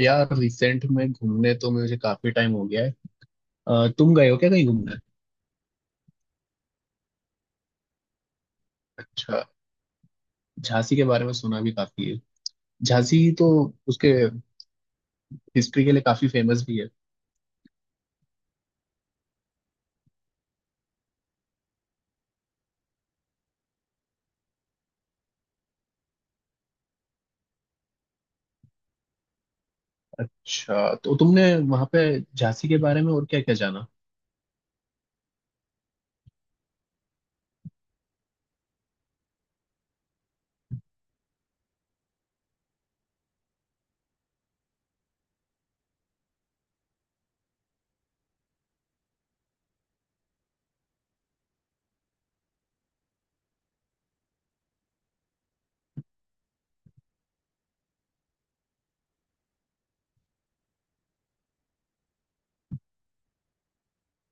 यार रिसेंट में घूमने तो मुझे काफी टाइम हो गया है। तुम गए हो क्या कहीं घूमने? अच्छा। झांसी के बारे में सुना भी काफी है। झांसी तो उसके हिस्ट्री के लिए काफी फेमस भी है। अच्छा, तो तुमने वहां पे झांसी के बारे में और क्या क्या जाना?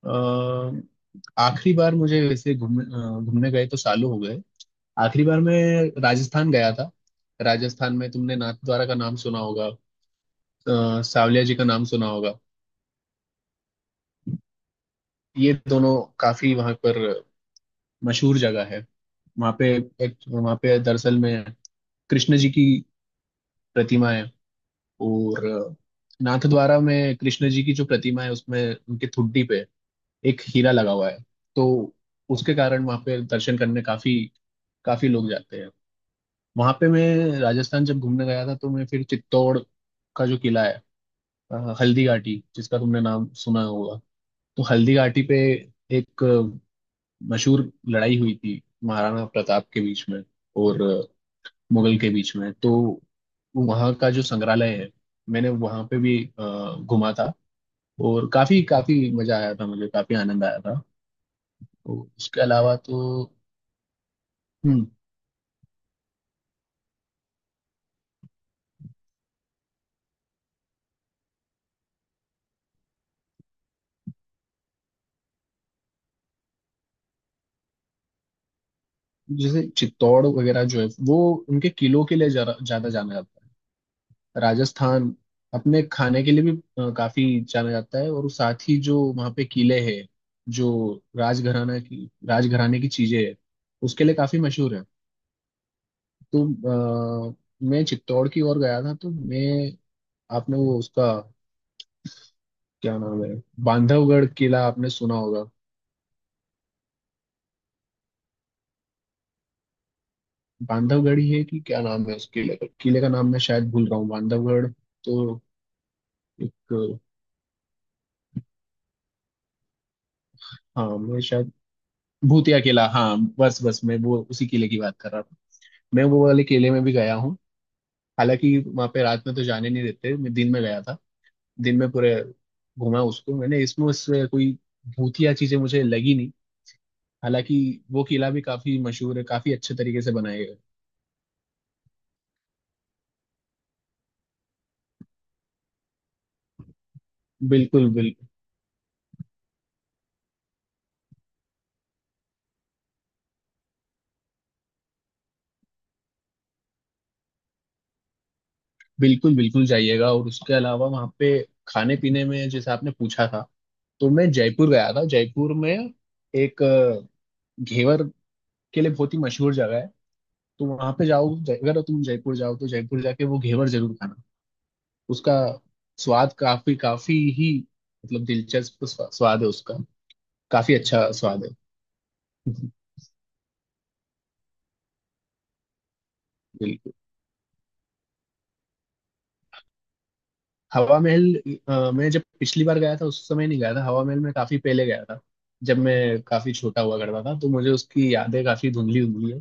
अ, आखिरी बार मुझे वैसे घूमने गए तो सालों हो गए। आखिरी बार मैं राजस्थान गया था। राजस्थान में तुमने नाथ द्वारा का नाम सुना होगा। सावलिया जी का नाम सुना होगा। ये दोनों काफी वहां पर मशहूर जगह है। वहां पे वहां पे दरअसल में कृष्ण जी की प्रतिमा है। और नाथद्वारा में कृष्ण जी की जो प्रतिमा है उसमें उनके ठुड्डी पे एक हीरा लगा हुआ है। तो उसके कारण वहां पे दर्शन करने काफी काफी लोग जाते हैं। वहां पे मैं राजस्थान जब घूमने गया था तो मैं फिर चित्तौड़ का जो किला है, हल्दी घाटी जिसका तुमने नाम सुना होगा। तो हल्दी घाटी पे एक मशहूर लड़ाई हुई थी महाराणा प्रताप के बीच में और मुगल के बीच में। तो वहाँ का जो संग्रहालय है, मैंने वहाँ पे भी घूमा था। और काफी काफी मजा आया था, मुझे काफी आनंद आया था। और उसके अलावा तो। हम्म। जैसे चित्तौड़ वगैरह जो है वो उनके किलों के लिए ज्यादा ज्यादा जाना जाता है। राजस्थान अपने खाने के लिए भी काफी जाना जाता है, और साथ ही जो वहाँ पे किले हैं, जो राजघराना की राजघराने की चीजें हैं उसके लिए काफी मशहूर है। तो मैं चित्तौड़ की ओर गया था, तो मैं आपने वो उसका क्या नाम है, बांधवगढ़ किला आपने सुना होगा? बांधवगढ़ ही है कि क्या नाम है उस किले का नाम मैं शायद भूल रहा हूँ, बांधवगढ़। तो एक। हाँ, मैं शायद भूतिया किला, हाँ बस बस मैं वो उसी किले की बात कर रहा था। मैं वो वाले किले में भी गया हूँ। हालांकि वहां पे रात में तो जाने नहीं देते, मैं दिन में गया था। दिन में पूरे घूमा उसको मैंने, इसमें उससे कोई भूतिया चीजें मुझे लगी नहीं। हालांकि वो किला भी काफी मशहूर है, काफी अच्छे तरीके से बनाया गया है। बिल्कुल बिल्कुल बिल्कुल जाइएगा, और उसके अलावा वहाँ पे खाने पीने में जैसे आपने पूछा था, तो मैं जयपुर गया था। जयपुर में एक घेवर के लिए बहुत ही मशहूर जगह है। तो वहां पे जाओ, अगर तुम जयपुर जाओ तो जयपुर जाके वो घेवर जरूर खाना। उसका स्वाद काफी काफी ही मतलब दिलचस्प स्वाद है उसका। काफी अच्छा स्वाद है। बिल्कुल। हवा महल, मैं जब पिछली बार गया था उस समय नहीं गया था, हवा महल में काफी पहले गया था। जब मैं काफी छोटा हुआ करता था तो मुझे उसकी यादें काफी धुंधली धुंधली है,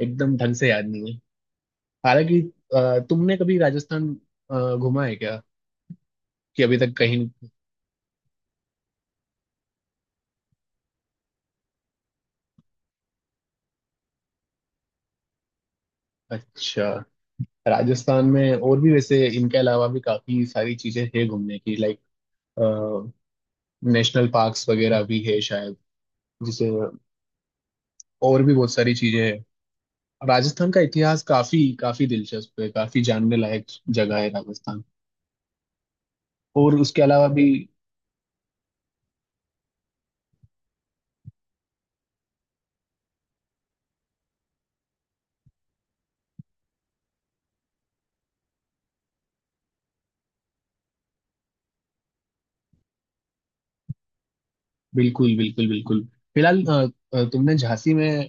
एकदम ढंग से याद नहीं है। हालांकि तुमने कभी राजस्थान घूमा है क्या, कि अभी तक कहीं? अच्छा। राजस्थान में और भी वैसे इनके अलावा भी काफी सारी चीजें हैं घूमने की। लाइक नेशनल पार्क्स वगैरह भी है शायद, जिसे, और भी बहुत सारी चीजें हैं। राजस्थान का इतिहास काफी काफी दिलचस्प है, काफी जानने लायक जगह है राजस्थान। और उसके अलावा भी। बिल्कुल बिल्कुल बिल्कुल। फिलहाल तुमने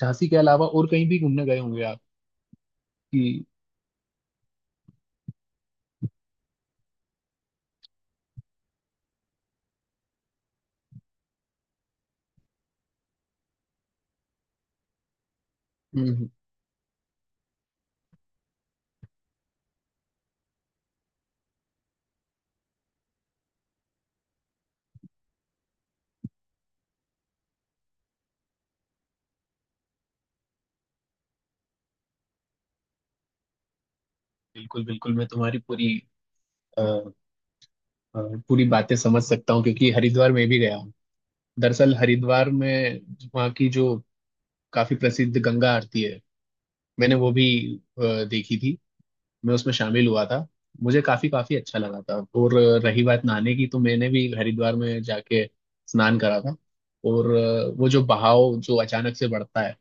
झांसी के अलावा और कहीं भी घूमने गए होंगे आप, कि? हम्म। बिल्कुल बिल्कुल, मैं तुम्हारी अ, अ, पूरी बातें समझ सकता हूँ क्योंकि हरिद्वार में भी गया हूँ। दरअसल हरिद्वार में वहाँ की जो काफी प्रसिद्ध गंगा आरती है, मैंने वो भी देखी थी। मैं उसमें शामिल हुआ था, मुझे काफी काफी अच्छा लगा था। और रही बात नहाने की, तो मैंने भी हरिद्वार में जाके स्नान करा था। और वो जो बहाव जो अचानक से बढ़ता है,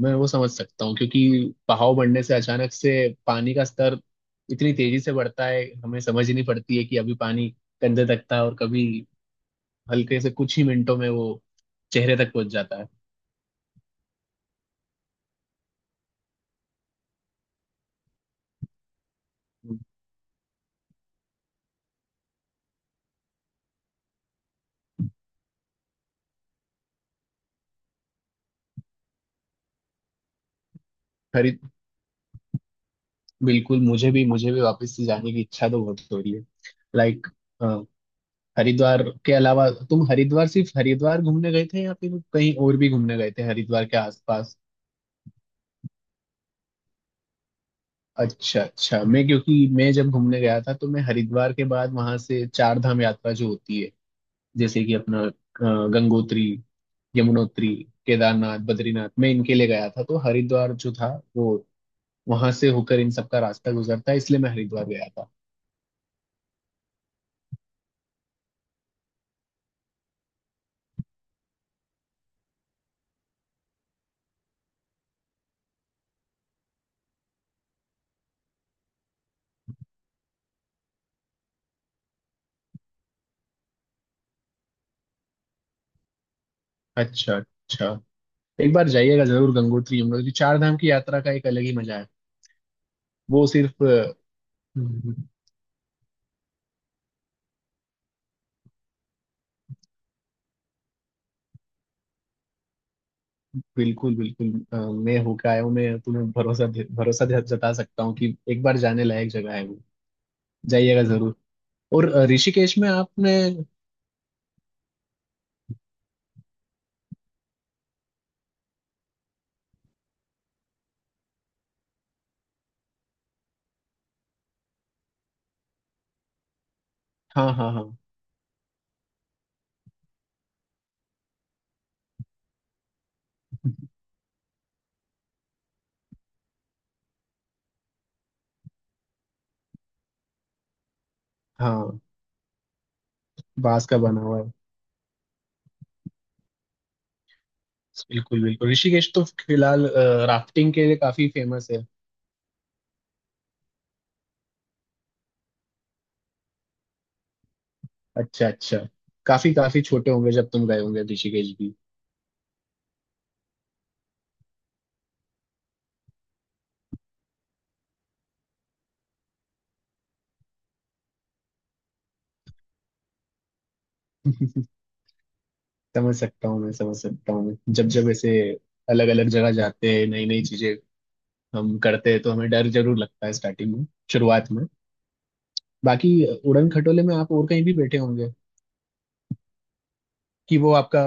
मैं वो समझ सकता हूँ क्योंकि बहाव बढ़ने से अचानक से पानी का स्तर इतनी तेजी से बढ़ता है, हमें समझ ही नहीं पड़ती है कि अभी पानी कंधे तक था और कभी हल्के से कुछ ही मिनटों में वो चेहरे तक पहुंच जाता है। खरीद। बिल्कुल, मुझे भी वापस से जाने की इच्छा तो बहुत हो रही है। लाइक, हरिद्वार के अलावा तुम हरिद्वार सिर्फ हरिद्वार घूमने गए थे, या फिर कहीं और भी घूमने गए थे हरिद्वार के आसपास? अच्छा अच्छा। मैं, क्योंकि मैं जब घूमने गया था तो मैं हरिद्वार के बाद वहां से चार धाम यात्रा जो होती है, जैसे कि अपना गंगोत्री, यमुनोत्री, केदारनाथ, बद्रीनाथ, मैं इनके लिए गया था। तो हरिद्वार जो था वो वहां से होकर इन सबका रास्ता गुजरता है, इसलिए मैं हरिद्वार गया था। अच्छा अच्छा। एक बार जाइएगा जरूर, गंगोत्री यमुनोत्री चार धाम की यात्रा का एक अलग ही मजा है। वो सिर्फ। बिल्कुल बिल्कुल, मैं होके आया हूँ, मैं तुम्हें भरोसा जता सकता हूँ कि एक बार जाने लायक जगह है वो। जाइएगा जरूर। और ऋषिकेश में आपने। हाँ हाँ हाँ। हाँ, बांस का बना हुआ है। बिल्कुल बिल्कुल, ऋषिकेश तो फिलहाल राफ्टिंग के लिए काफी फेमस है। अच्छा अच्छा। काफी काफी छोटे होंगे जब तुम गए होंगे ऋषिकेश भी। समझ सकता हूँ मैं, समझ सकता हूँ मैं। जब जब ऐसे अलग अलग जगह जाते हैं, नई नई चीजें हम करते हैं, तो हमें डर जरूर लगता है स्टार्टिंग में, शुरुआत में। बाकी उड़न खटोले में आप और कहीं भी बैठे होंगे, कि वो आपका।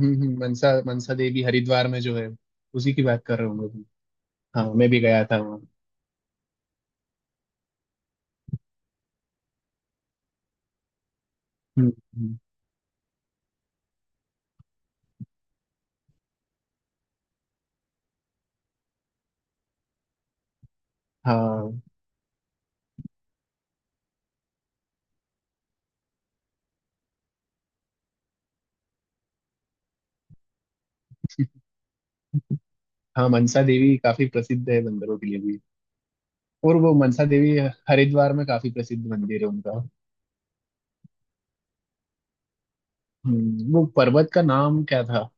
मनसा मनसा देवी हरिद्वार में जो है उसी की बात कर रहे होंगे तुम। हाँ, मैं भी गया था वहाँ। हम्म। हाँ। हाँ, मनसा देवी काफी प्रसिद्ध है बंदरों के लिए भी। और वो मनसा देवी हरिद्वार में काफी प्रसिद्ध मंदिर है उनका। वो पर्वत का नाम क्या था?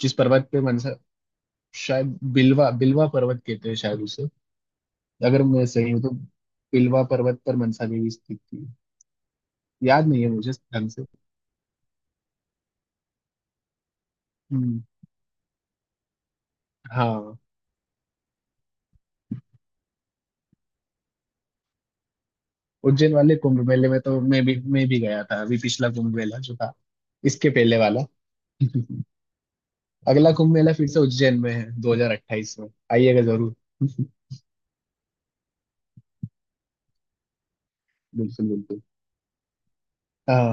जिस पर्वत पे मनसा, शायद बिलवा बिलवा पर्वत कहते हैं शायद उसे, अगर मैं सही हूँ तो। बिलवा पर्वत पर मनसा देवी स्थित थी, याद नहीं है मुझे ढंग से। हम्म, हाँ। उज्जैन वाले कुंभ मेले में तो मैं भी गया था, अभी पिछला कुंभ मेला जो था, इसके पहले वाला। अगला कुंभ मेला फिर से उज्जैन में है 2028 में, आइएगा जरूर। बिल्कुल बिल्कुल। हाँ।